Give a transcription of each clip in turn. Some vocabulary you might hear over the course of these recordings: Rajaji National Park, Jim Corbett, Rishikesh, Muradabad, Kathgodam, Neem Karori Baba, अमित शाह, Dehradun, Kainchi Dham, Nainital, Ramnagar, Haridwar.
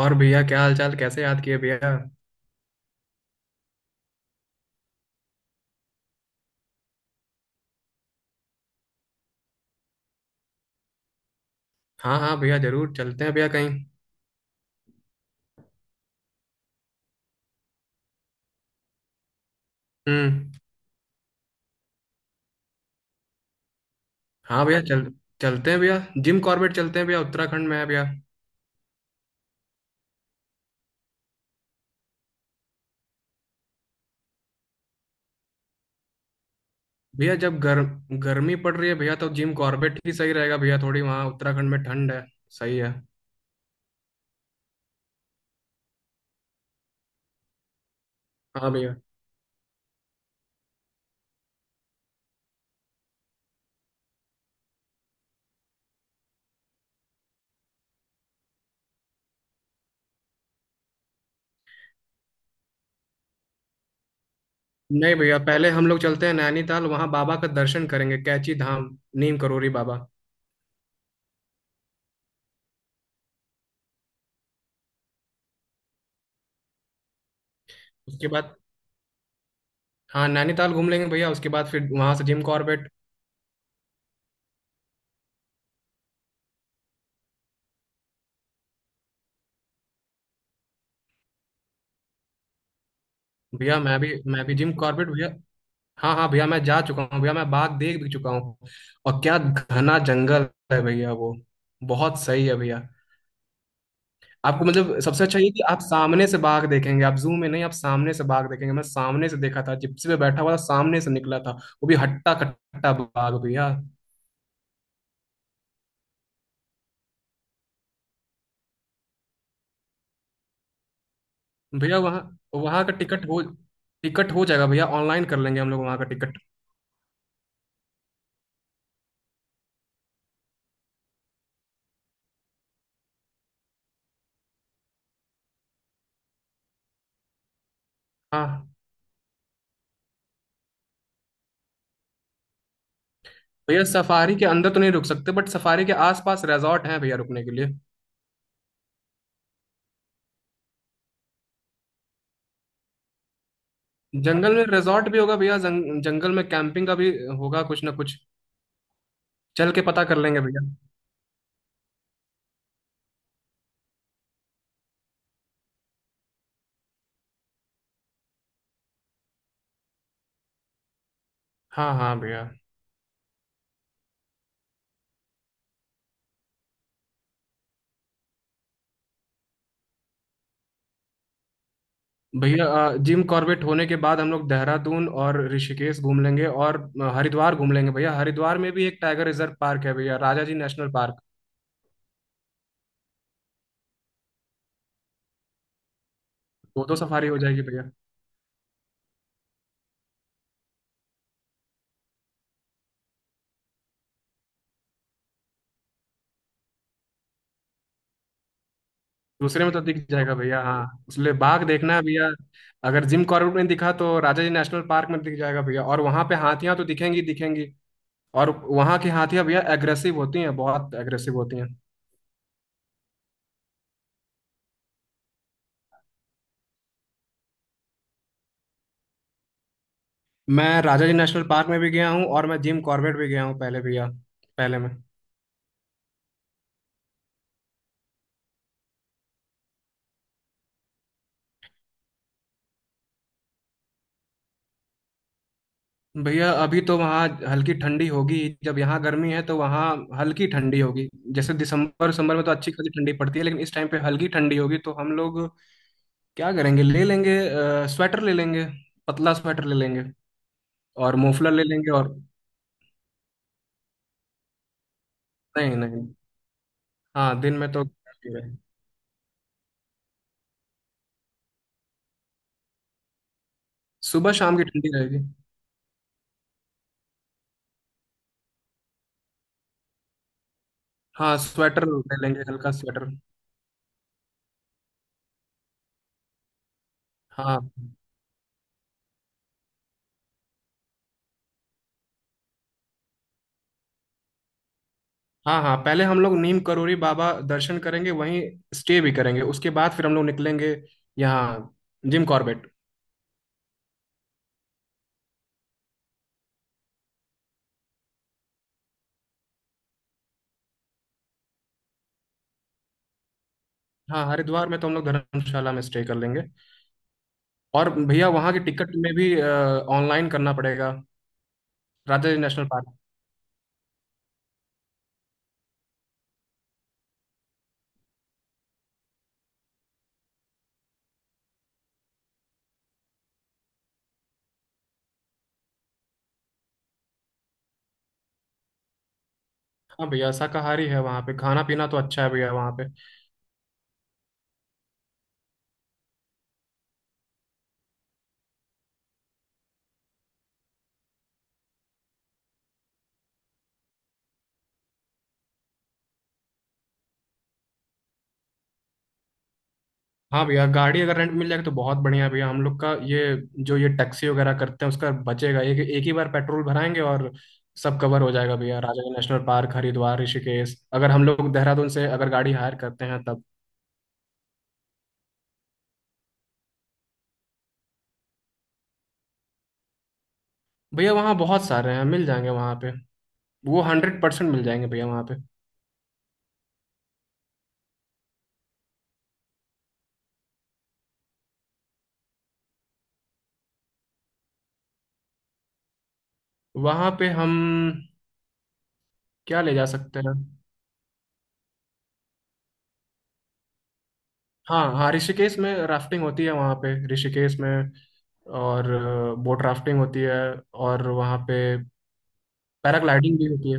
और भैया, क्या हाल चाल? कैसे याद किए भैया? हाँ हाँ भैया, जरूर चलते हैं भैया कहीं। हम्म। हाँ भैया, चल चलते हैं भैया। जिम कॉर्बेट चलते हैं भैया। उत्तराखंड में है भैया। भैया जब गर्मी पड़ रही है भैया, तो जिम कॉर्बेट ही सही रहेगा भैया। थोड़ी वहाँ उत्तराखंड में ठंड है। सही है। हाँ भैया। नहीं भैया, पहले हम लोग चलते हैं नैनीताल, वहाँ बाबा का दर्शन करेंगे, कैची धाम, नीम करोरी बाबा। उसके बाद हाँ नैनीताल घूम लेंगे भैया, उसके बाद फिर वहाँ से जिम कॉर्बेट। भैया मैं भी जिम कॉर्बेट भैया। हाँ हाँ भैया, मैं जा चुका हूँ भैया, मैं बाघ देख भी चुका हूँ। और क्या घना जंगल है भैया वो, बहुत सही है भैया। आपको मतलब सबसे अच्छा ये कि आप सामने से बाघ देखेंगे, आप जू में नहीं, आप सामने से बाघ देखेंगे। मैं सामने से देखा था, जिप्सी पे बैठा हुआ था, सामने से निकला था, वो भी हट्टा कट्टा बाघ भैया। भैया वहाँ वहाँ का टिकट हो जाएगा भैया, ऑनलाइन कर लेंगे हम लोग वहाँ का टिकट। हाँ भैया, सफारी के अंदर तो नहीं रुक सकते, बट सफारी के आसपास रिजॉर्ट हैं भैया रुकने के लिए। जंगल में रिजॉर्ट भी होगा भैया, जंगल में कैंपिंग का भी होगा, कुछ ना कुछ। चल के पता कर लेंगे भैया। हाँ हाँ भैया। भैया जिम कॉर्बेट होने के बाद हम लोग देहरादून और ऋषिकेश घूम लेंगे, और हरिद्वार घूम लेंगे भैया। हरिद्वार में भी एक टाइगर रिजर्व पार्क है भैया, राजा जी नेशनल पार्क। दो दो सफारी हो जाएगी भैया। दूसरे में तो दिख जाएगा भैया। हाँ उसलिए बाघ देखना है भैया। अगर जिम कॉर्बेट में दिखा, तो राजा जी नेशनल पार्क में दिख जाएगा भैया। और वहां पे हाथियां तो दिखेंगी दिखेंगी, और वहां की हाथियां भैया एग्रेसिव होती हैं, बहुत एग्रेसिव होती हैं। मैं राजा जी नेशनल पार्क में भी गया हूँ, और मैं जिम कॉर्बेट भी गया हूँ पहले भैया, पहले में। भैया अभी तो वहाँ हल्की ठंडी होगी। जब यहाँ गर्मी है तो वहाँ हल्की ठंडी होगी। जैसे दिसंबर दिसंबर में तो अच्छी खासी ठंडी पड़ती है, लेकिन इस टाइम पे हल्की ठंडी होगी। तो हम लोग क्या करेंगे, ले लेंगे स्वेटर ले लेंगे, पतला स्वेटर ले लेंगे, और मोफलर ले लेंगे, और नहीं नहीं, हाँ दिन में तो ठंडी रहेगी, सुबह शाम की ठंडी रहेगी। हाँ स्वेटर ले लेंगे, हल्का स्वेटर। हाँ हाँ हाँ, पहले हम लोग नीम करोरी बाबा दर्शन करेंगे, वहीं स्टे भी करेंगे, उसके बाद फिर हम लोग निकलेंगे यहाँ जिम कॉर्बेट। हाँ हरिद्वार में तो हम लोग धर्मशाला में स्टे कर लेंगे। और भैया वहाँ की टिकट में भी ऑनलाइन करना पड़ेगा, राजा जी नेशनल पार्क। हाँ भैया शाकाहारी है वहाँ पे, खाना पीना तो अच्छा है भैया वहाँ पे। हाँ भैया, गाड़ी अगर रेंट मिल जाएगी तो बहुत बढ़िया है भैया हम लोग का ये। जो ये टैक्सी वगैरह करते हैं, उसका बचेगा, एक एक ही बार पेट्रोल भराएंगे, और सब कवर हो जाएगा भैया, राजाजी नेशनल पार्क, हरिद्वार, ऋषिकेश, अगर हम लोग देहरादून से अगर गाड़ी हायर करते हैं तब। भैया वहाँ बहुत सारे हैं, मिल जाएंगे वहाँ पे। वो 100% मिल जाएंगे भैया वहाँ पे। वहाँ पे हम क्या ले जा सकते हैं? हाँ हाँ, ऋषिकेश में राफ्टिंग होती है वहाँ पे, ऋषिकेश में, और बोट राफ्टिंग होती है। और वहाँ पे पैराग्लाइडिंग भी होती है।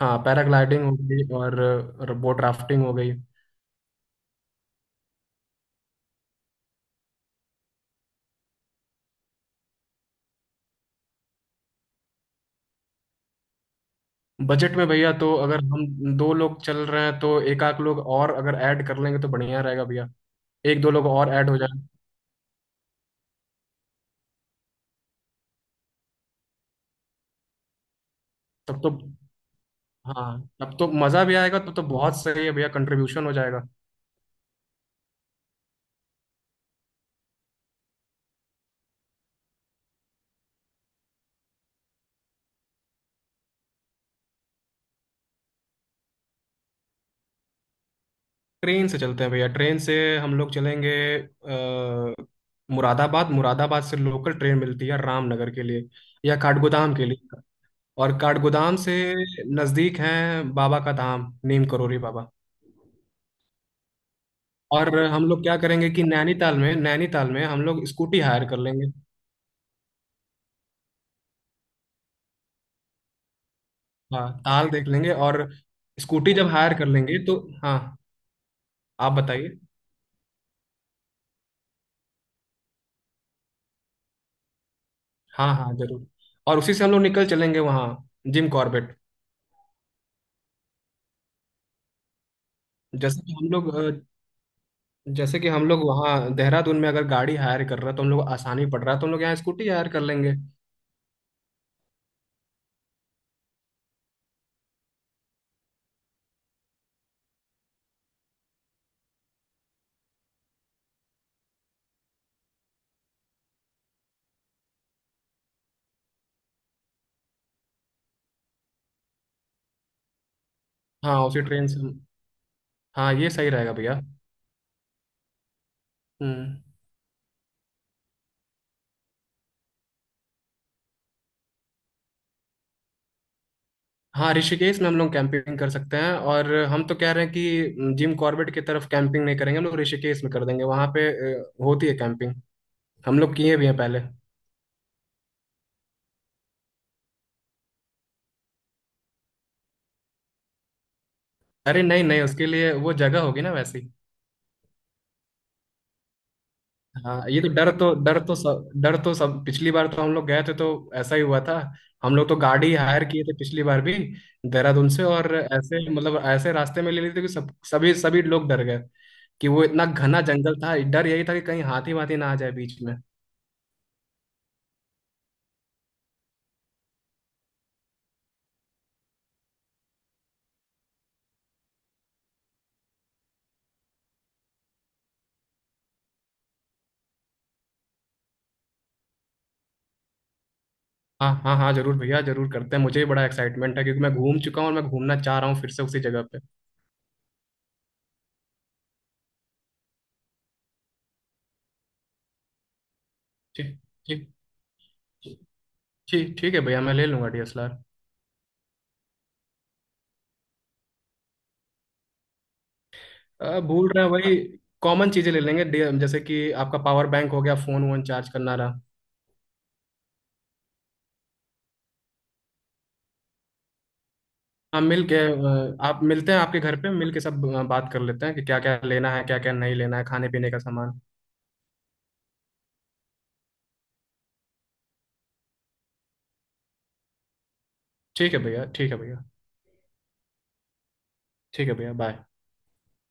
हाँ पैराग्लाइडिंग हो गई, और बोट राफ्टिंग हो गई। बजट में भैया, तो अगर हम दो लोग चल रहे हैं, तो एक आध लोग और अगर ऐड कर लेंगे तो बढ़िया रहेगा भैया। एक दो लोग और ऐड हो जाए तब तो। हाँ तब तो मज़ा भी आएगा, तब तो बहुत सही है भैया, कंट्रीब्यूशन हो जाएगा। ट्रेन से चलते हैं भैया, ट्रेन से हम लोग चलेंगे। अ, मुरादाबाद मुरादाबाद से लोकल ट्रेन मिलती है रामनगर के लिए, या काठगोदाम के लिए। और काठगोदाम से नज़दीक है बाबा का धाम, नीम करोली बाबा। और हम लोग क्या करेंगे कि नैनीताल में हम लोग स्कूटी हायर कर लेंगे। हाँ ताल देख लेंगे, और स्कूटी जब हायर कर लेंगे तो। हाँ आप बताइए। हाँ हाँ जरूर। और उसी से हम लोग निकल चलेंगे वहाँ जिम कॉर्बेट। जैसे कि हम लोग अ, जैसे कि हम लोग वहाँ देहरादून में अगर गाड़ी हायर कर रहा है तो हम लोग को आसानी पड़ रहा है, तो हम लोग यहाँ स्कूटी हायर कर लेंगे। हाँ उसी ट्रेन से हम- हाँ ये सही रहेगा भैया। हम्म। हाँ ऋषिकेश में हम लोग कैंपिंग कर सकते हैं, और हम तो कह रहे हैं कि जिम कॉर्बेट की तरफ कैंपिंग नहीं करेंगे, हम लोग ऋषिकेश में कर देंगे वहां पे। होती है कैंपिंग, हम लोग किए भी हैं पहले। अरे नहीं नहीं, उसके लिए वो जगह होगी ना वैसी। हाँ ये तो डर तो सब, पिछली बार तो हम लोग गए थे तो ऐसा ही हुआ था। हम लोग तो गाड़ी हायर किए थे पिछली बार भी देहरादून से, और ऐसे मतलब ऐसे रास्ते में ले लिए थे कि सब सभी सभी लोग डर गए। कि वो इतना घना जंगल था, डर यही था कि कहीं हाथी वाथी ना आ जाए बीच में। हाँ हाँ हाँ जरूर भैया, जरूर करते हैं। मुझे भी बड़ा एक्साइटमेंट है, क्योंकि मैं घूम चुका हूँ, और मैं घूमना चाह रहा हूँ फिर से उसी जगह पे। ठीक ठीक। ठीक ठीक है भैया, मैं ले लूंगा डीएसएलआर। भूल रहे हैं वही कॉमन चीजें, ले लेंगे जैसे कि आपका पावर बैंक हो गया, फोन वोन चार्ज करना रहा। हाँ मिल के, आप मिलते हैं, आपके घर पे मिल के सब बात कर लेते हैं कि क्या क्या लेना है, क्या क्या नहीं लेना है, खाने पीने का सामान। ठीक है भैया, ठीक है भैया। ठीक है भैया, बाय।